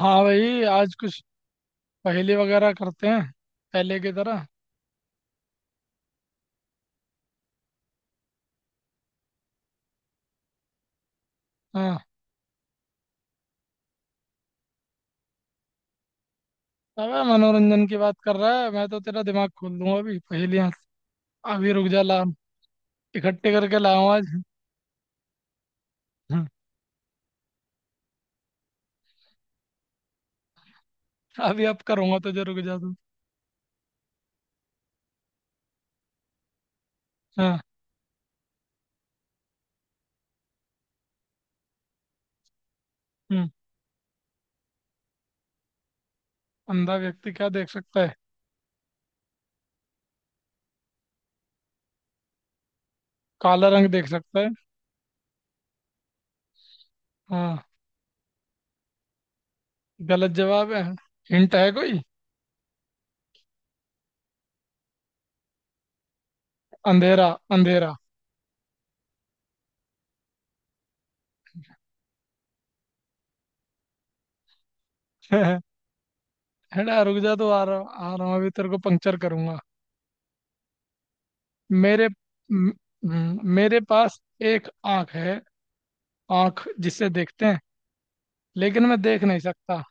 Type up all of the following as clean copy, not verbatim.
हाँ भाई, आज कुछ पहेली वगैरह करते हैं पहले की तरह। हाँ, अबे मनोरंजन की बात कर रहा है, मैं तो तेरा दिमाग खोल दूंगा अभी पहेलियाँ। अभी रुक जा, ला इकट्ठे करके लाऊं आज। हम्म, अभी अब करूंगा तुझे, रुक जा तू। हाँ। हम्म, अंधा व्यक्ति क्या देख सकता है? काला रंग देख सकता है। हाँ, गलत जवाब है। हिंट है कोई? अंधेरा। अंधेरा। हेड़ा रुक जा तो, आ रहा। आ रहा हूँ अभी, तेरे को पंक्चर करूंगा। मेरे म- मेरे पास एक आंख है, आंख जिसे देखते हैं लेकिन मैं देख नहीं सकता।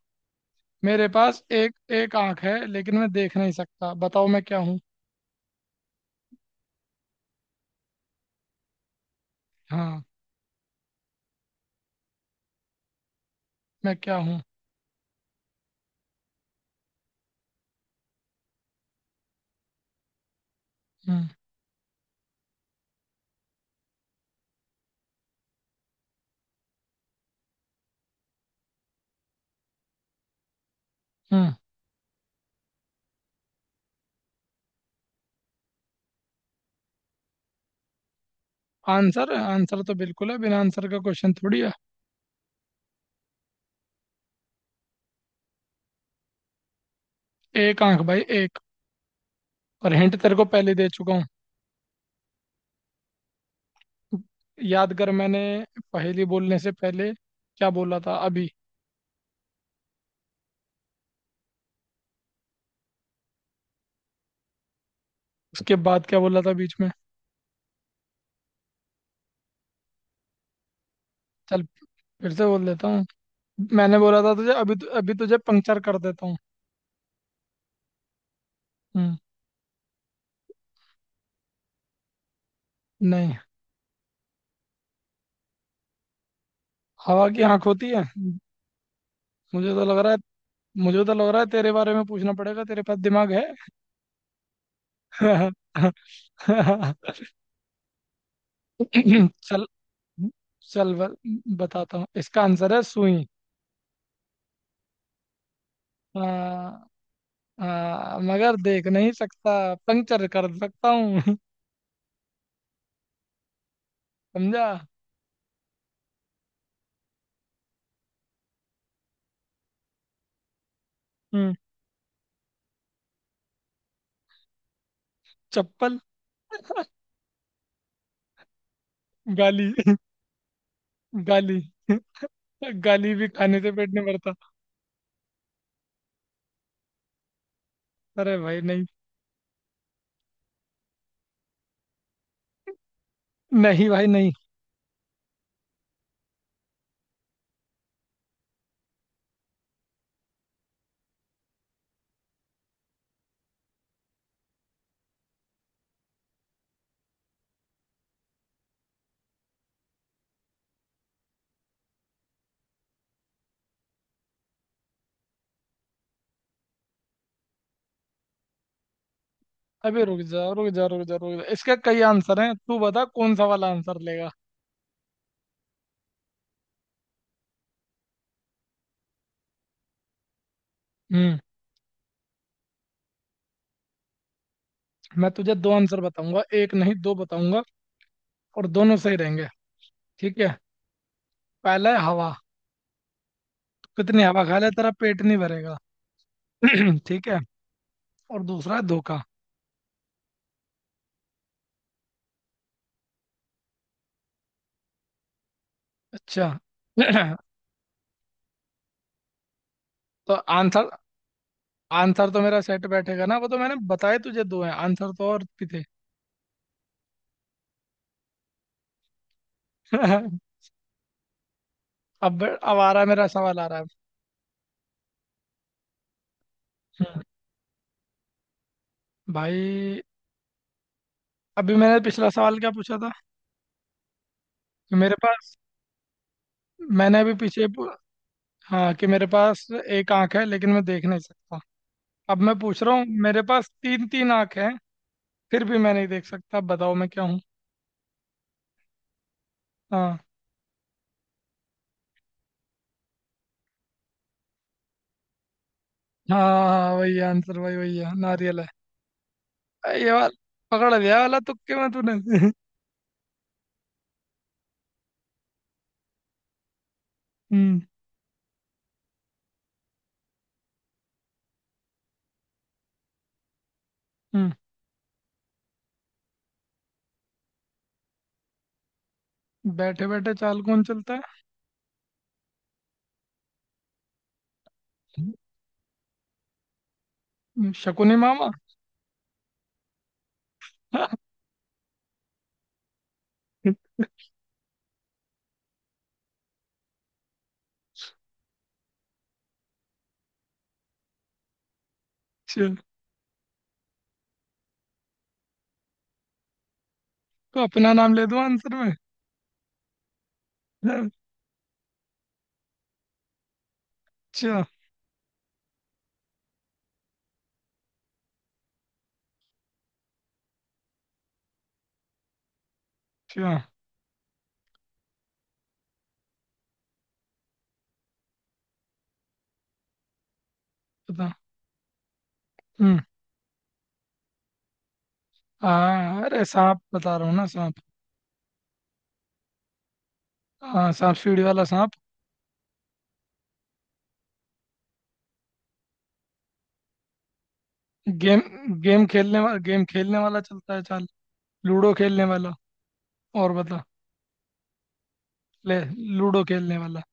मेरे पास एक एक आंख है लेकिन मैं देख नहीं सकता, बताओ मैं क्या हूँ। हाँ। मैं क्या हूँ। हम्म। हम्म। आंसर? आंसर तो बिल्कुल है, बिना आंसर का क्वेश्चन थोड़ी है। एक आंख भाई, एक। और हिंट तेरे को पहले दे चुका हूँ। याद कर, मैंने पहेली बोलने से पहले क्या बोला था अभी। उसके बाद क्या बोला था बीच में। चल, फिर से बोल देता हूँ। मैंने बोला था तुझे, अभी अभी तुझे पंक्चर कर देता हूँ। हम्म। नहीं। हवा की आंख होती है? मुझे तो लग रहा है। मुझे तो लग रहा है तेरे बारे में पूछना पड़ेगा, तेरे पास दिमाग है? चल चल ब- बताता हूँ, इसका आंसर है सुई। आ, मगर देख नहीं सकता, पंक्चर कर सकता हूँ। समझा। हम्म, चप्पल। गाली। गाली। गाली भी खाने से पेट नहीं भरता। अरे भाई नहीं। नहीं भाई नहीं। अबे रुक जा रुक जा, इसके कई आंसर हैं, तू बता कौन सा वाला आंसर लेगा। हम्म। मैं तुझे दो आंसर बताऊंगा, एक नहीं दो बताऊंगा, और दोनों सही रहेंगे। ठीक है, पहला है हवा। कितनी हवा खा ले तेरा पेट नहीं भरेगा। ठीक है। और दूसरा है धोखा। अच्छा। तो आंसर, आंसर तो मेरा सेट बैठेगा ना, वो तो मैंने बताए तुझे दो हैं, आंसर तो और भी थे। अब आ रहा है मेरा सवाल, आ रहा है। हम्म, भाई, अभी मैंने पिछला सवाल क्या पूछा था? कि मेरे पास, मैंने अभी पीछे पू- हाँ, कि मेरे पास एक आंख है लेकिन मैं देख नहीं सकता। अब मैं पूछ रहा हूँ, मेरे पास तीन तीन आंख हैं फिर भी मैं नहीं देख सकता, अब बताओ मैं क्या हूँ। हाँ। हाँ हाँ, वही आंसर भाई, वही है, नारियल है। अरे ये वाला पकड़ लिया वाला तुक्के में तूने। हम्म। हम्म, बैठे बैठे चाल कौन चलता है? शकुनी मामा। अच्छा, तो अपना नाम ले दूं आंसर में? अच्छा। अच्छा, बता। हम्म। हाँ अरे सांप, बता रहा हूँ ना, सांप। हाँ सांप सीढ़ी वाला सांप। गेम, गेम खेलने वाला, गेम खेलने वाला चलता है चाल। लूडो खेलने वाला। और बता। ले, लूडो खेलने वाला।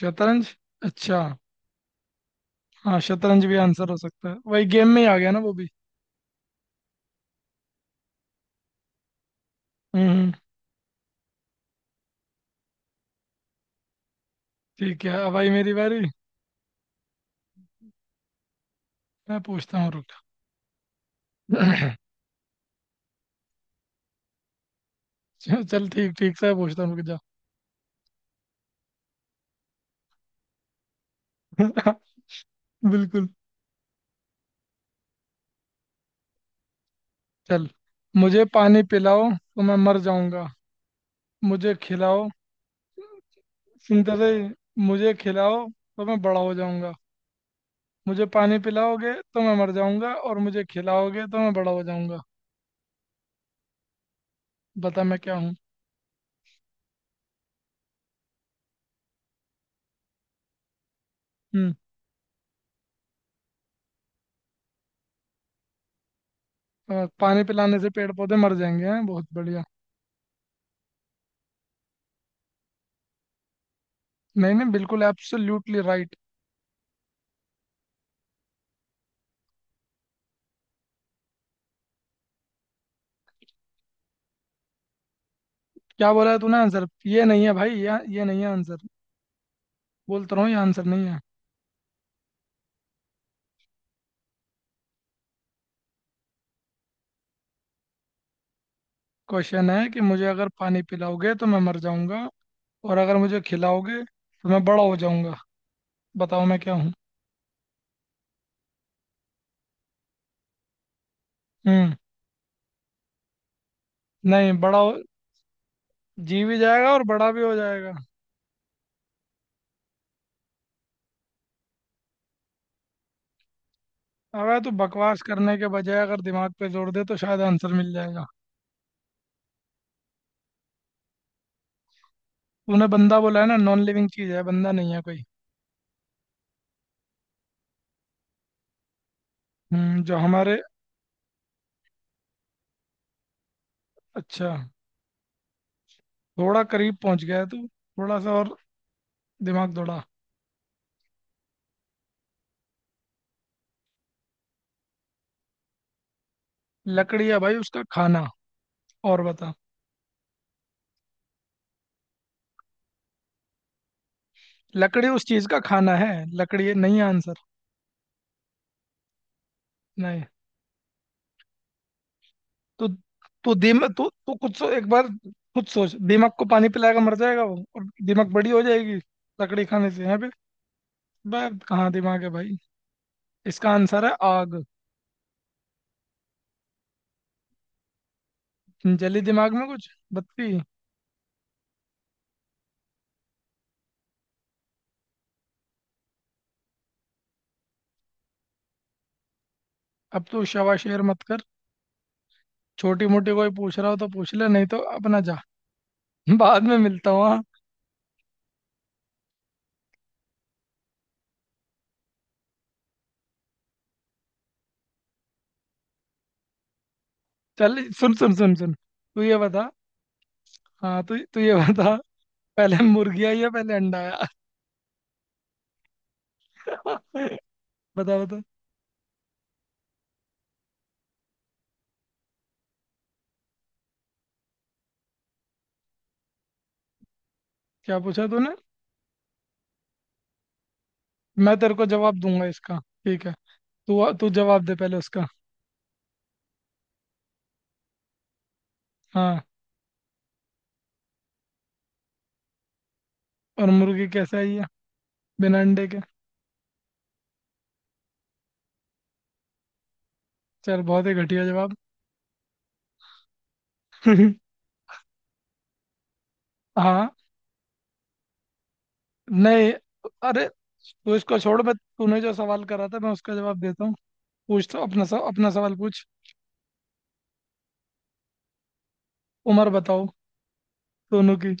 शतरंज? अच्छा, हाँ शतरंज भी आंसर हो सकता है, वही गेम में ही आ गया ना वो भी। हम्म। हम्म। ठीक है, अब आई मेरी बारी। मैं पूछता हूँ, रुक। चल चल, ठीक ठीक से पूछता हूँ, रुक जा। बिल्कुल। चल, मुझे पानी पिलाओ तो मैं मर जाऊंगा, मुझे खिलाओ। सुनते से ही, मुझे खिलाओ तो मैं बड़ा हो जाऊंगा। मुझे पानी पिलाओगे तो मैं मर जाऊंगा, और मुझे खिलाओगे तो मैं बड़ा हो जाऊंगा। बता मैं क्या हूँ। हम्म। पानी पिलाने से पेड़ पौधे मर जाएंगे? हैं, बहुत बढ़िया। नहीं नहीं, बिल्कुल एब्सोल्युटली राइट। क्या बोला है तूने आंसर, ये नहीं है भाई, ये नहीं है आंसर। बोलता रहा हूँ ये आंसर नहीं है। क्वेश्चन है कि मुझे अगर पानी पिलाओगे तो मैं मर जाऊंगा, और अगर मुझे खिलाओगे तो मैं बड़ा हो जाऊंगा। बताओ मैं क्या हूँ। हम्म। नहीं बड़ा हो- जी भी जाएगा और बड़ा भी हो जाएगा। अबे तू बकवास करने के बजाय अगर दिमाग पे जोर दे तो शायद आंसर मिल जाएगा। तूने बंदा बोला है ना, नॉन लिविंग चीज है, बंदा नहीं है कोई। हम्म, जो हमारे। अच्छा, थोड़ा करीब पहुंच गया है तू, थोड़ा सा और दिमाग दौड़ा। लकड़ी है भाई उसका खाना, और बता। लकड़ी उस चीज का खाना है, लकड़ी ये नहीं है आंसर। नहीं। तो तो दिमाग तो खुद सो एक बार, खुद सोच, दिमाग को पानी पिलाएगा मर जाएगा वो, और दिमाग बड़ी हो जाएगी। लकड़ी खाने से है बे। बे, कहाँ दिमाग है भाई। इसका आंसर है आग। जली दिमाग में कुछ बत्ती? अब तू शवा शेर मत कर। छोटी मोटी कोई पूछ रहा हो तो पूछ ले, नहीं तो अपना जा। बाद में मिलता हूँ, हाँ। चल सुन सुन, तू ये बता। हाँ, तू तू ये बता, पहले मुर्गी आई या पहले अंडा आया? बता बता। क्या पूछा तूने? मैं तेरे को जवाब दूंगा इसका, ठीक है। तू तू जवाब दे पहले उसका। हाँ। और मुर्गी कैसे आई है बिना अंडे के? चल, बहुत ही घटिया जवाब। हाँ। नहीं, अरे, तू इसको छोड़, मैं, तूने जो सवाल करा था मैं उसका जवाब देता हूँ। पूछ तो अपना अपना सवाल पूछ। उम्र बताओ दोनों की।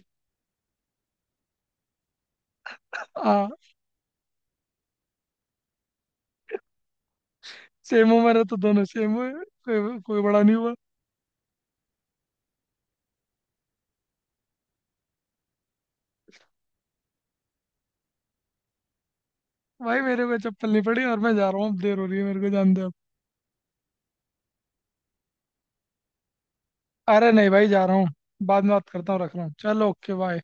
हाँ, सेम उम्र है तो दोनों सेम हुए, कोई कोई बड़ा नहीं हुआ। भाई मेरे को चप्पल नहीं पड़ी, और मैं जा रहा हूँ अब, देर हो रही है, मेरे को जान दे अब। अरे नहीं भाई, जा रहा हूँ, बाद में बात करता हूँ, रख रहा हूँ, चलो ओके बाय।